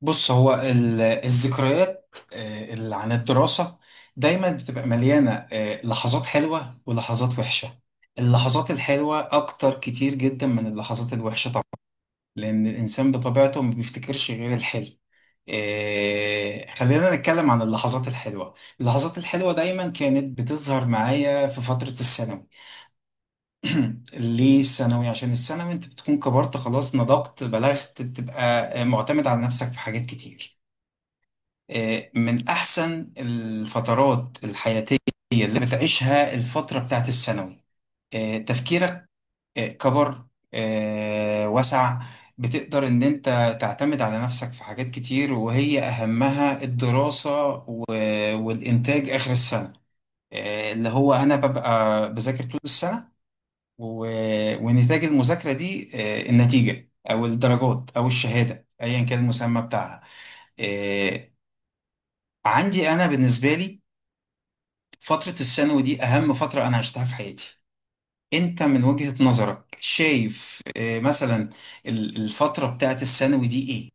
بص هو الذكريات اللي عن الدراسة دايما بتبقى مليانة لحظات حلوة ولحظات وحشة. اللحظات الحلوة أكتر كتير جدا من اللحظات الوحشة طبعا، لأن الإنسان بطبيعته ما بيفتكرش غير الحلو. خلينا نتكلم عن اللحظات الحلوة. اللحظات الحلوة دايما كانت بتظهر معايا في فترة الثانوي. ليه الثانوي؟ عشان الثانوي انت بتكون كبرت خلاص، نضجت، بلغت، بتبقى معتمد على نفسك في حاجات كتير. من أحسن الفترات الحياتية اللي بتعيشها الفترة بتاعت الثانوي. تفكيرك كبر، وسع. بتقدر إن أنت تعتمد على نفسك في حاجات كتير، وهي أهمها الدراسة والإنتاج آخر السنة. اللي هو أنا ببقى بذاكر طول السنة ونتاج المذاكرة دي النتيجة أو الدرجات أو الشهادة أيا كان المسمى بتاعها. آه، عندي انا بالنسبه لي فتره الثانوي دي اهم فتره انا عشتها في حياتي. انت من وجهه نظرك شايف مثلا الفتره بتاعت الثانوي دي ايه؟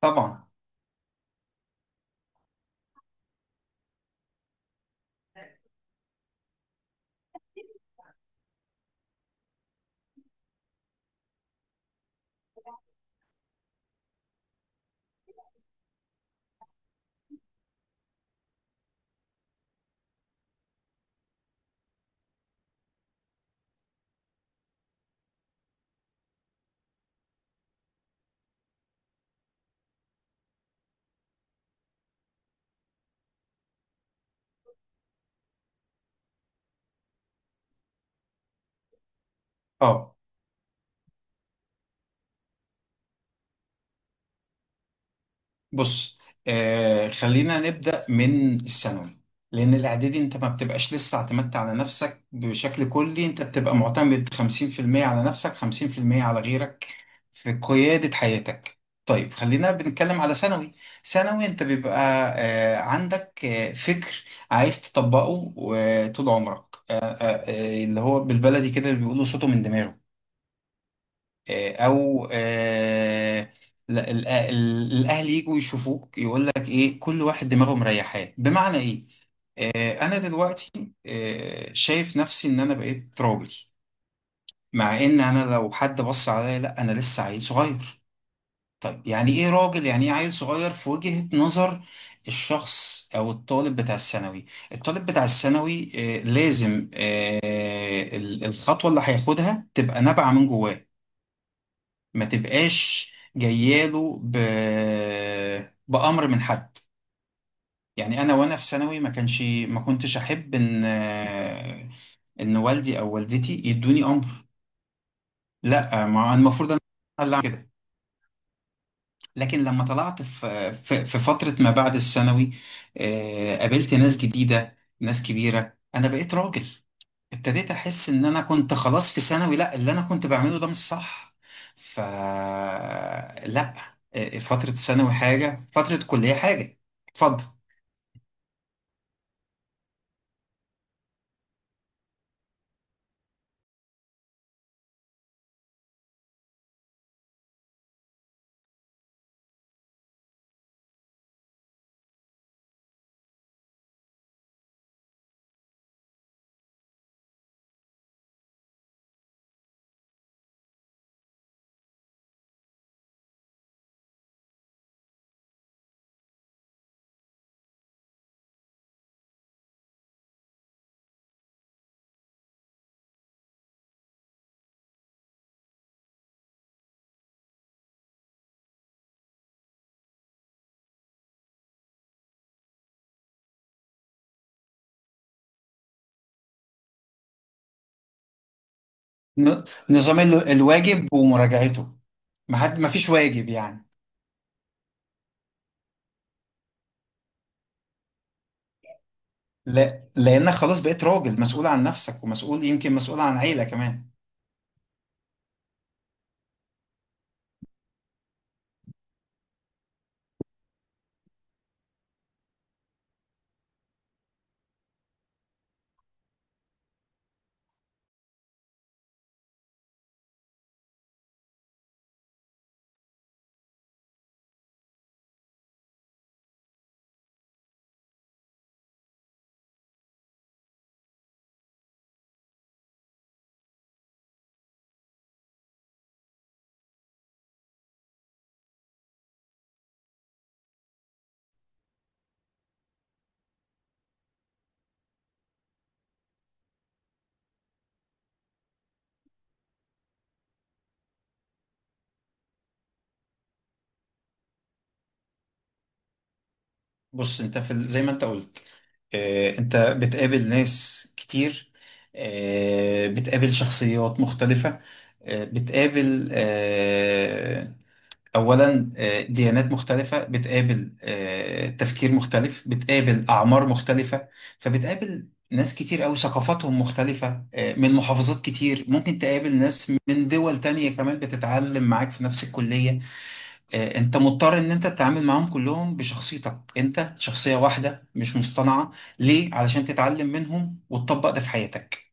طبعا. اه بص، خلينا نبدأ من الثانوي. لأن الإعدادي أنت ما بتبقاش لسه اعتمدت على نفسك بشكل كلي، أنت بتبقى معتمد 50% على نفسك، 50% على غيرك في قيادة حياتك. طيب، خلينا بنتكلم على ثانوي. ثانوي أنت بيبقى عندك فكر عايز تطبقه طول عمرك. اللي هو بالبلدي كده اللي بيقولوا صوته من دماغه. او الاهل يجوا يشوفوك يقول لك ايه، كل واحد دماغه مريحاه. بمعنى ايه؟ انا دلوقتي شايف نفسي ان انا بقيت راجل، مع ان انا لو حد بص عليا، لا، انا لسه عيل صغير. طيب، يعني ايه راجل؟ يعني ايه عيل صغير في وجهة نظر الشخص او الطالب بتاع الثانوي؟ الطالب بتاع الثانوي لازم الخطوة اللي هياخدها تبقى نابعة من جواه، ما تبقاش جاياله بأمر من حد. يعني أنا وأنا في ثانوي ما كنتش أحب إن والدي أو والدتي يدوني أمر. لا، ما المفروض أنا اللي أعمل كده. لكن لما طلعت في فترة ما بعد الثانوي، قابلت ناس جديدة، ناس كبيرة، أنا بقيت راجل. ابتديت أحس إن أنا كنت خلاص في ثانوي، لأ، اللي أنا كنت بعمله ده مش صح. ف لأ، فترة ثانوي حاجة، فترة كلية حاجة. اتفضل. ن- نظام الواجب ومراجعته. ما فيش واجب يعني. لا، لأنك خلاص بقيت راجل مسؤول عن نفسك، ومسؤول، يمكن مسؤول عن عيلة كمان. بص، أنت في زي ما أنت قلت، انت بتقابل ناس كتير، بتقابل شخصيات مختلفة، بتقابل اولا ديانات مختلفة، بتقابل تفكير مختلف، بتقابل اعمار مختلفة. فبتقابل ناس كتير قوي ثقافاتهم مختلفة، من محافظات كتير. ممكن تقابل ناس من دول تانية كمان بتتعلم معاك في نفس الكلية. انت مضطر ان انت تتعامل معاهم كلهم بشخصيتك انت، شخصية واحدة مش مصطنعة. ليه؟ علشان تتعلم منهم وتطبق ده في حياتك.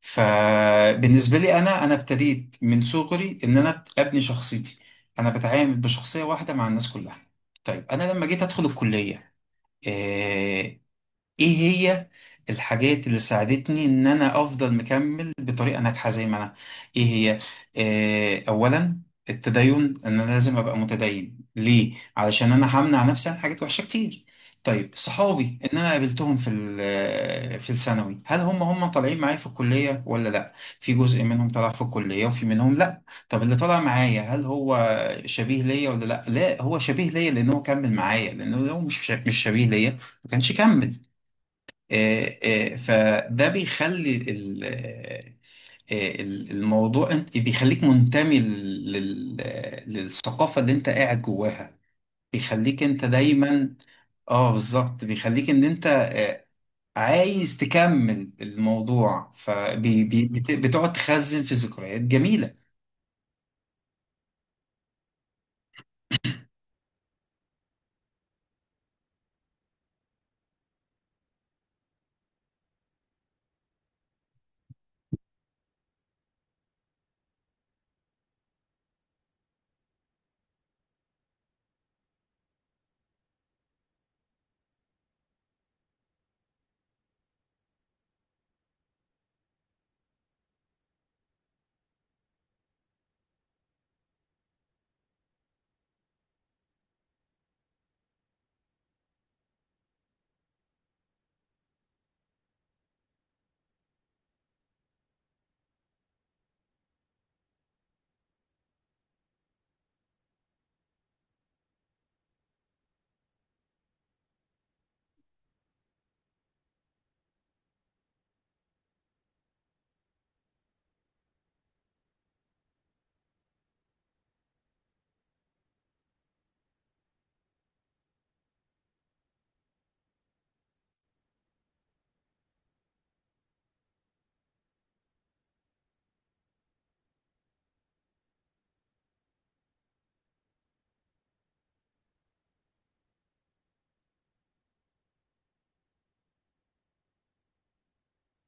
فبالنسبة لي انا ابتديت من صغري ان انا ابني شخصيتي. انا بتعامل بشخصية واحدة مع الناس كلها. طيب، انا لما جيت ادخل الكلية، آه، ايه هي الحاجات اللي ساعدتني ان انا افضل مكمل بطريقه ناجحه زي ما انا؟ ايه هي؟ اولا، التدين. ان انا لازم ابقى متدين، ليه؟ علشان انا همنع نفسي عن حاجات وحشه كتير. طيب، صحابي ان انا قابلتهم في في الثانوي، هل هم طالعين معايا في الكليه ولا لا؟ في جزء منهم طلع في الكليه وفي منهم لا. طب، اللي طلع معايا هل هو شبيه ليا ولا لا؟ لا، هو شبيه ليا لان هو كمل معايا، لانه لو مش شبيه ليا ما كانش كمل. فده بيخلي آه، الموضوع، انت بيخليك منتمي للثقافة اللي انت قاعد جواها. بيخليك انت دايما. اه، بالظبط، بيخليك ان انت عايز تكمل الموضوع، فبتقعد تخزن في ذكريات جميلة.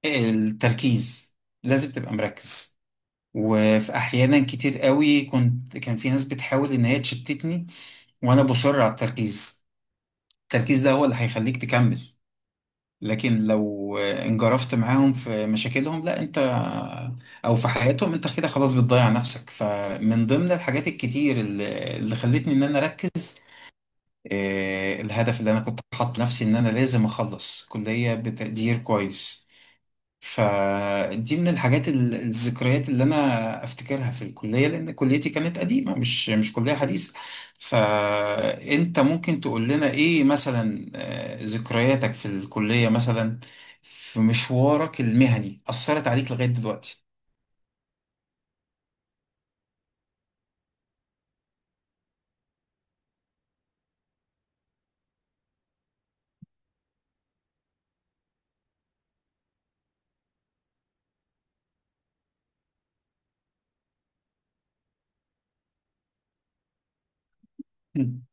التركيز، لازم تبقى مركز. وفي احيانا كتير قوي كان في ناس بتحاول ان هي تشتتني، وانا بصر على التركيز. التركيز ده هو اللي هيخليك تكمل. لكن لو انجرفت معاهم في مشاكلهم، لا انت، او في حياتهم، انت كده خلاص بتضيع نفسك. فمن ضمن الحاجات الكتير اللي خلتني ان انا اركز، الهدف اللي انا كنت حاطه لنفسي ان انا لازم اخلص كلية بتقدير كويس. فدي من الذكريات اللي انا افتكرها في الكليه، لان كليتي كانت قديمه، مش كليه حديثه. فانت ممكن تقول لنا ايه مثلا، ذكرياتك في الكليه مثلا، في مشوارك المهني، اثرت عليك لغايه دلوقتي؟ مم.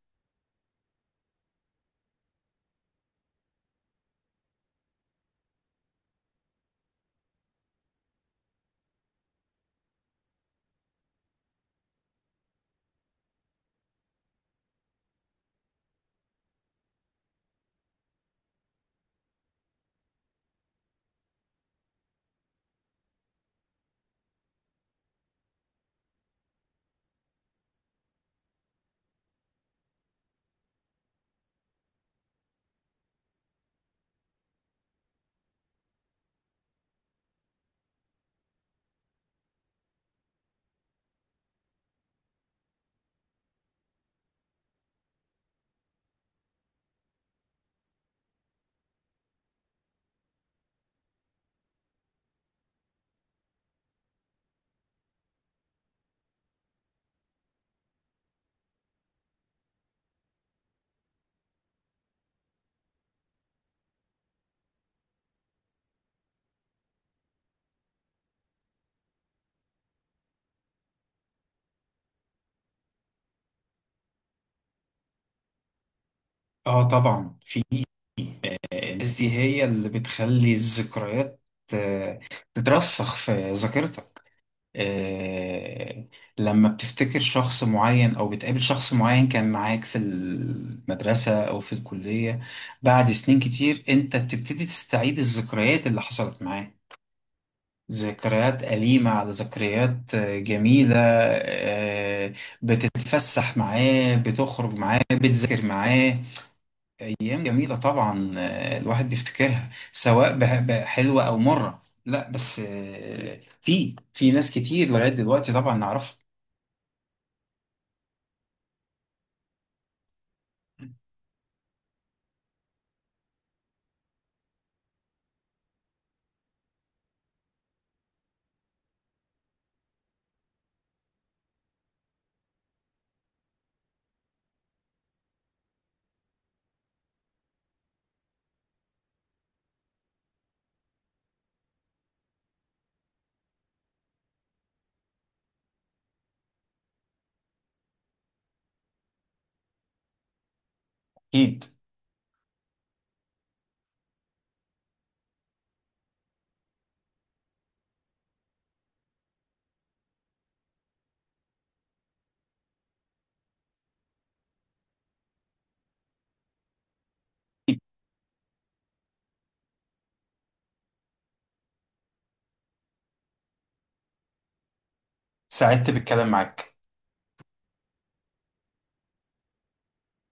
اه، طبعا. في، الناس دي هي اللي بتخلي الذكريات آه، تترسخ في ذاكرتك. آه، لما بتفتكر شخص معين او بتقابل شخص معين كان معاك في المدرسة او في الكلية، بعد سنين كتير، انت بتبتدي تستعيد الذكريات اللي حصلت معاه، ذكريات أليمة على ذكريات جميلة. بتتفسح معاه، بتخرج معاه، بتذاكر معاه. أيام جميلة طبعا، الواحد بيفتكرها سواء حلوة أو مرة. لا بس في ناس كتير لغاية دلوقتي طبعا نعرفها. اكيد، اكيد، سعدت بالكلام معاك.